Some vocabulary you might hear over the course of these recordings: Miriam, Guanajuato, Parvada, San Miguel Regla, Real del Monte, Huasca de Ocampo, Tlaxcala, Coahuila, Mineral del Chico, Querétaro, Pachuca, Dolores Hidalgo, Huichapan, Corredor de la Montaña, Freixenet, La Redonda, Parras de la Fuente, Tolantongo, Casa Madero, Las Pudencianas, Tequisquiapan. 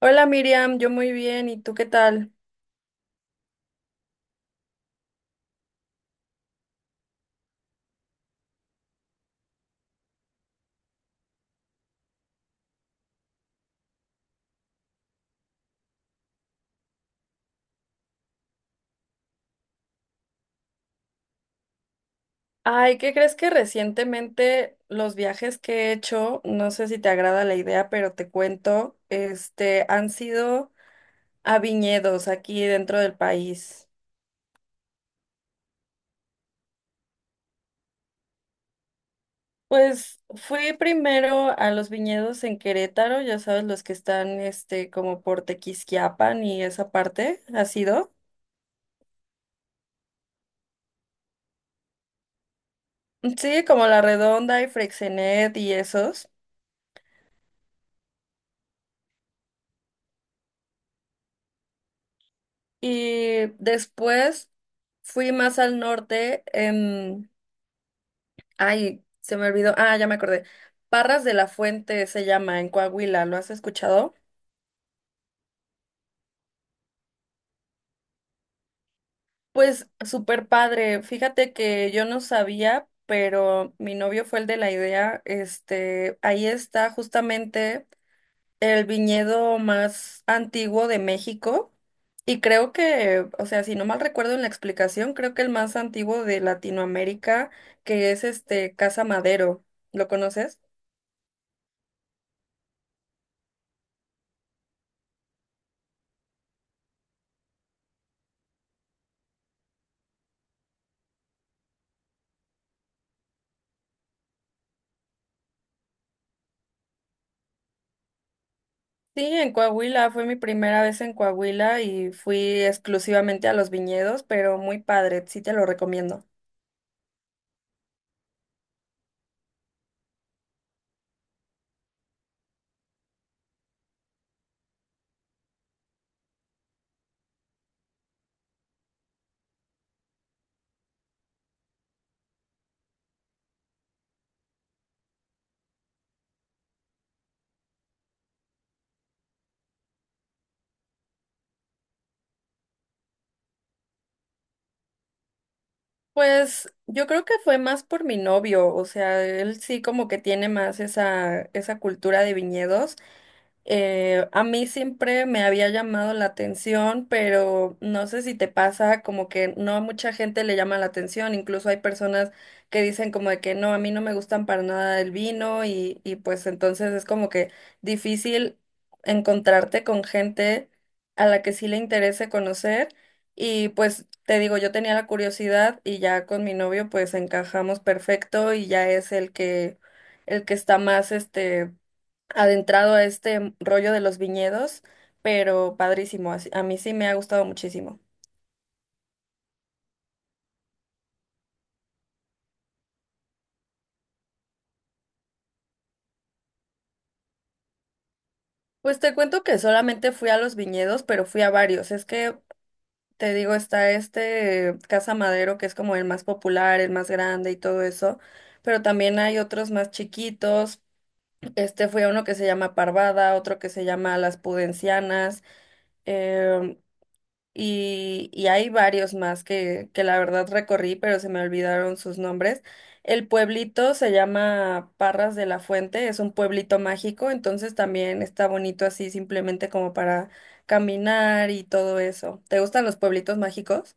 Hola Miriam, yo muy bien, ¿y tú qué tal? Ay, ¿qué crees? Que recientemente los viajes que he hecho, no sé si te agrada la idea, pero te cuento, han sido a viñedos aquí dentro del país. Pues fui primero a los viñedos en Querétaro, ya sabes, los que están, este, como por Tequisquiapan y esa parte, ¿has ido? Sí, como La Redonda y Freixenet y esos. Y después fui más al norte, ay, se me olvidó, ah, ya me acordé. Parras de la Fuente se llama en Coahuila, ¿lo has escuchado? Pues súper padre. Fíjate que yo no sabía, pero mi novio fue el de la idea. Este, ahí está justamente el viñedo más antiguo de México y creo que, o sea, si no mal recuerdo en la explicación, creo que el más antiguo de Latinoamérica, que es este Casa Madero. ¿Lo conoces? Sí, en Coahuila, fue mi primera vez en Coahuila y fui exclusivamente a los viñedos, pero muy padre, sí te lo recomiendo. Pues yo creo que fue más por mi novio, o sea, él sí como que tiene más esa cultura de viñedos. A mí siempre me había llamado la atención, pero no sé si te pasa, como que no a mucha gente le llama la atención, incluso hay personas que dicen como de que no, a mí no me gustan para nada el vino y pues entonces es como que difícil encontrarte con gente a la que sí le interese conocer y pues te digo, yo tenía la curiosidad y ya con mi novio pues encajamos perfecto y ya es el que está más adentrado a este rollo de los viñedos, pero padrísimo, a mí sí me ha gustado muchísimo. Pues te cuento que solamente fui a los viñedos, pero fui a varios. Es que te digo, está este Casa Madero, que es como el más popular, el más grande y todo eso, pero también hay otros más chiquitos. Este, fui a uno que se llama Parvada, otro que se llama Las Pudencianas. em, y hay varios más que la verdad recorrí, pero se me olvidaron sus nombres. El pueblito se llama Parras de la Fuente, es un pueblito mágico, entonces también está bonito así simplemente como para caminar y todo eso. ¿Te gustan los pueblitos mágicos?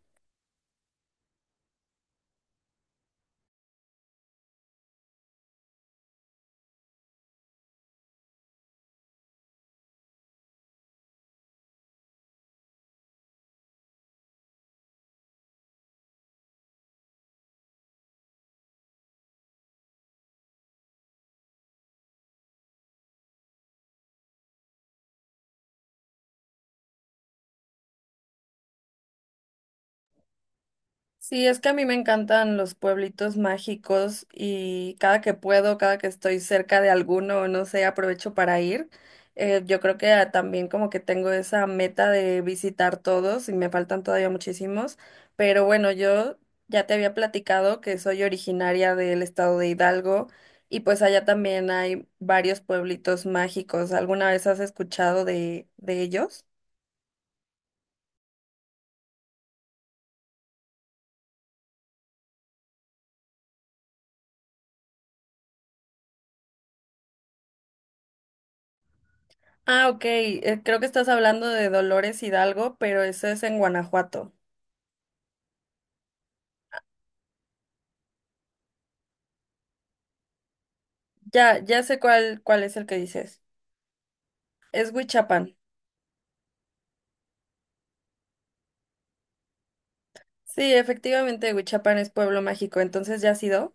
Sí, es que a mí me encantan los pueblitos mágicos y cada que puedo, cada que estoy cerca de alguno, no sé, aprovecho para ir. Yo creo que ah, también como que tengo esa meta de visitar todos y me faltan todavía muchísimos, pero bueno, yo ya te había platicado que soy originaria del estado de Hidalgo y pues allá también hay varios pueblitos mágicos. ¿Alguna vez has escuchado de ellos? Ah, ok. Eh, creo que estás hablando de Dolores Hidalgo, pero eso es en Guanajuato. Ya sé cuál es el que dices. Es Huichapan. Sí, efectivamente, Huichapan es pueblo mágico. Entonces, ¿ya has ido?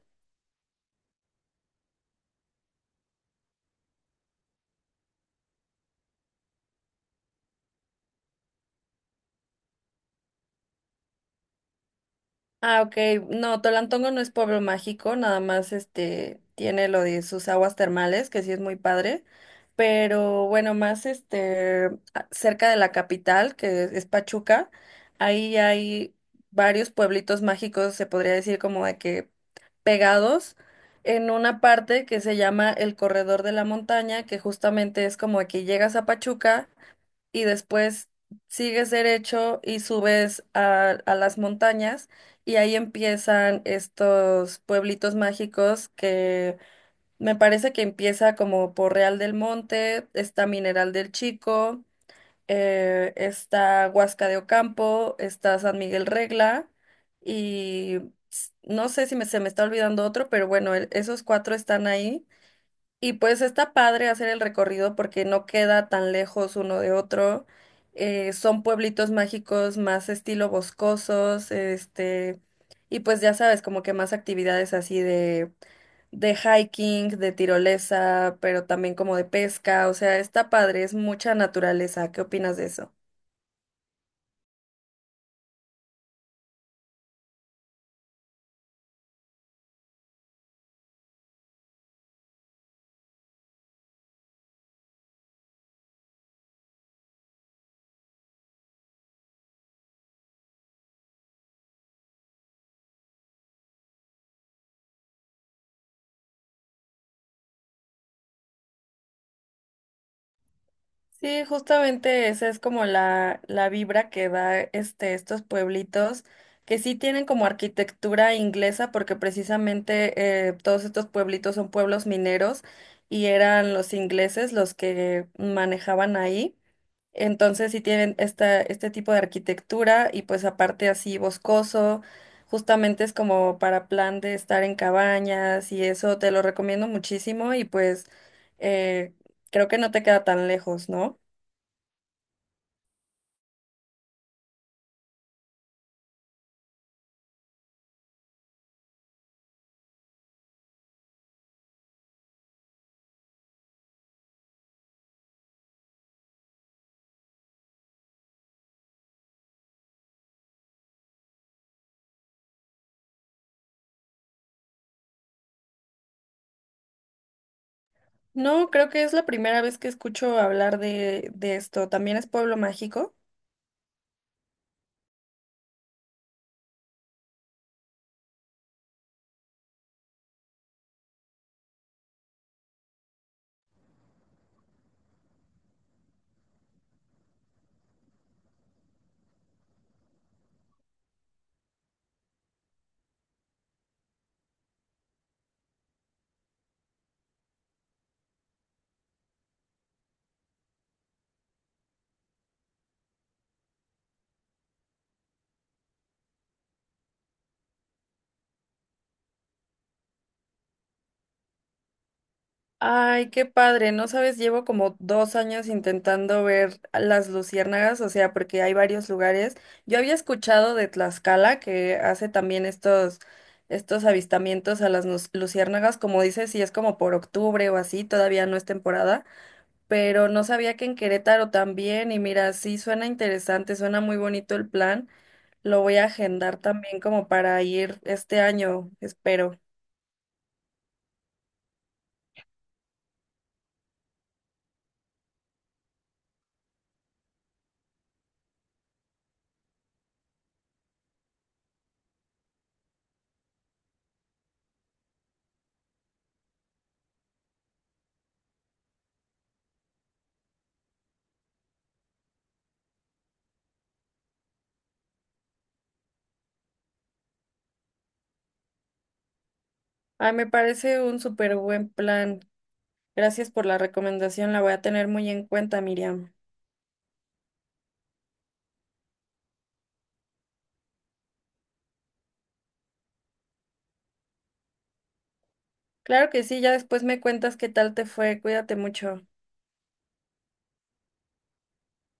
Ah, ok. No, Tolantongo no es pueblo mágico, nada más este tiene lo de sus aguas termales, que sí es muy padre. Pero bueno, más cerca de la capital, que es Pachuca, ahí hay varios pueblitos mágicos, se podría decir como de que pegados en una parte que se llama el Corredor de la Montaña, que justamente es como de que llegas a Pachuca y después sigues derecho y subes a las montañas y ahí empiezan estos pueblitos mágicos que me parece que empieza como por Real del Monte, está Mineral del Chico, está Huasca de Ocampo, está San Miguel Regla y no sé si se me está olvidando otro, pero bueno, esos cuatro están ahí. Y pues está padre hacer el recorrido porque no queda tan lejos uno de otro. Son pueblitos mágicos más estilo boscosos, este, y pues ya sabes, como que más actividades así de hiking, de tirolesa, pero también como de pesca. O sea, está padre, es mucha naturaleza. ¿Qué opinas de eso? Sí, justamente esa es como la vibra que da este, estos pueblitos, que sí tienen como arquitectura inglesa, porque precisamente todos estos pueblitos son pueblos mineros y eran los ingleses los que manejaban ahí. Entonces sí tienen este tipo de arquitectura y pues aparte así boscoso, justamente es como para plan de estar en cabañas y eso te lo recomiendo muchísimo y pues eh, creo que no te queda tan lejos, ¿no? No, creo que es la primera vez que escucho hablar de esto. ¿También es Pueblo Mágico? Ay, qué padre. No sabes, llevo como 2 años intentando ver las luciérnagas, o sea, porque hay varios lugares. Yo había escuchado de Tlaxcala, que hace también estos avistamientos a las luciérnagas, como dices, si es como por octubre o así, todavía no es temporada, pero no sabía que en Querétaro también, y mira, sí suena interesante, suena muy bonito el plan. Lo voy a agendar también como para ir este año, espero. Ay, me parece un súper buen plan. Gracias por la recomendación, la voy a tener muy en cuenta, Miriam. Claro que sí, ya después me cuentas qué tal te fue, cuídate mucho.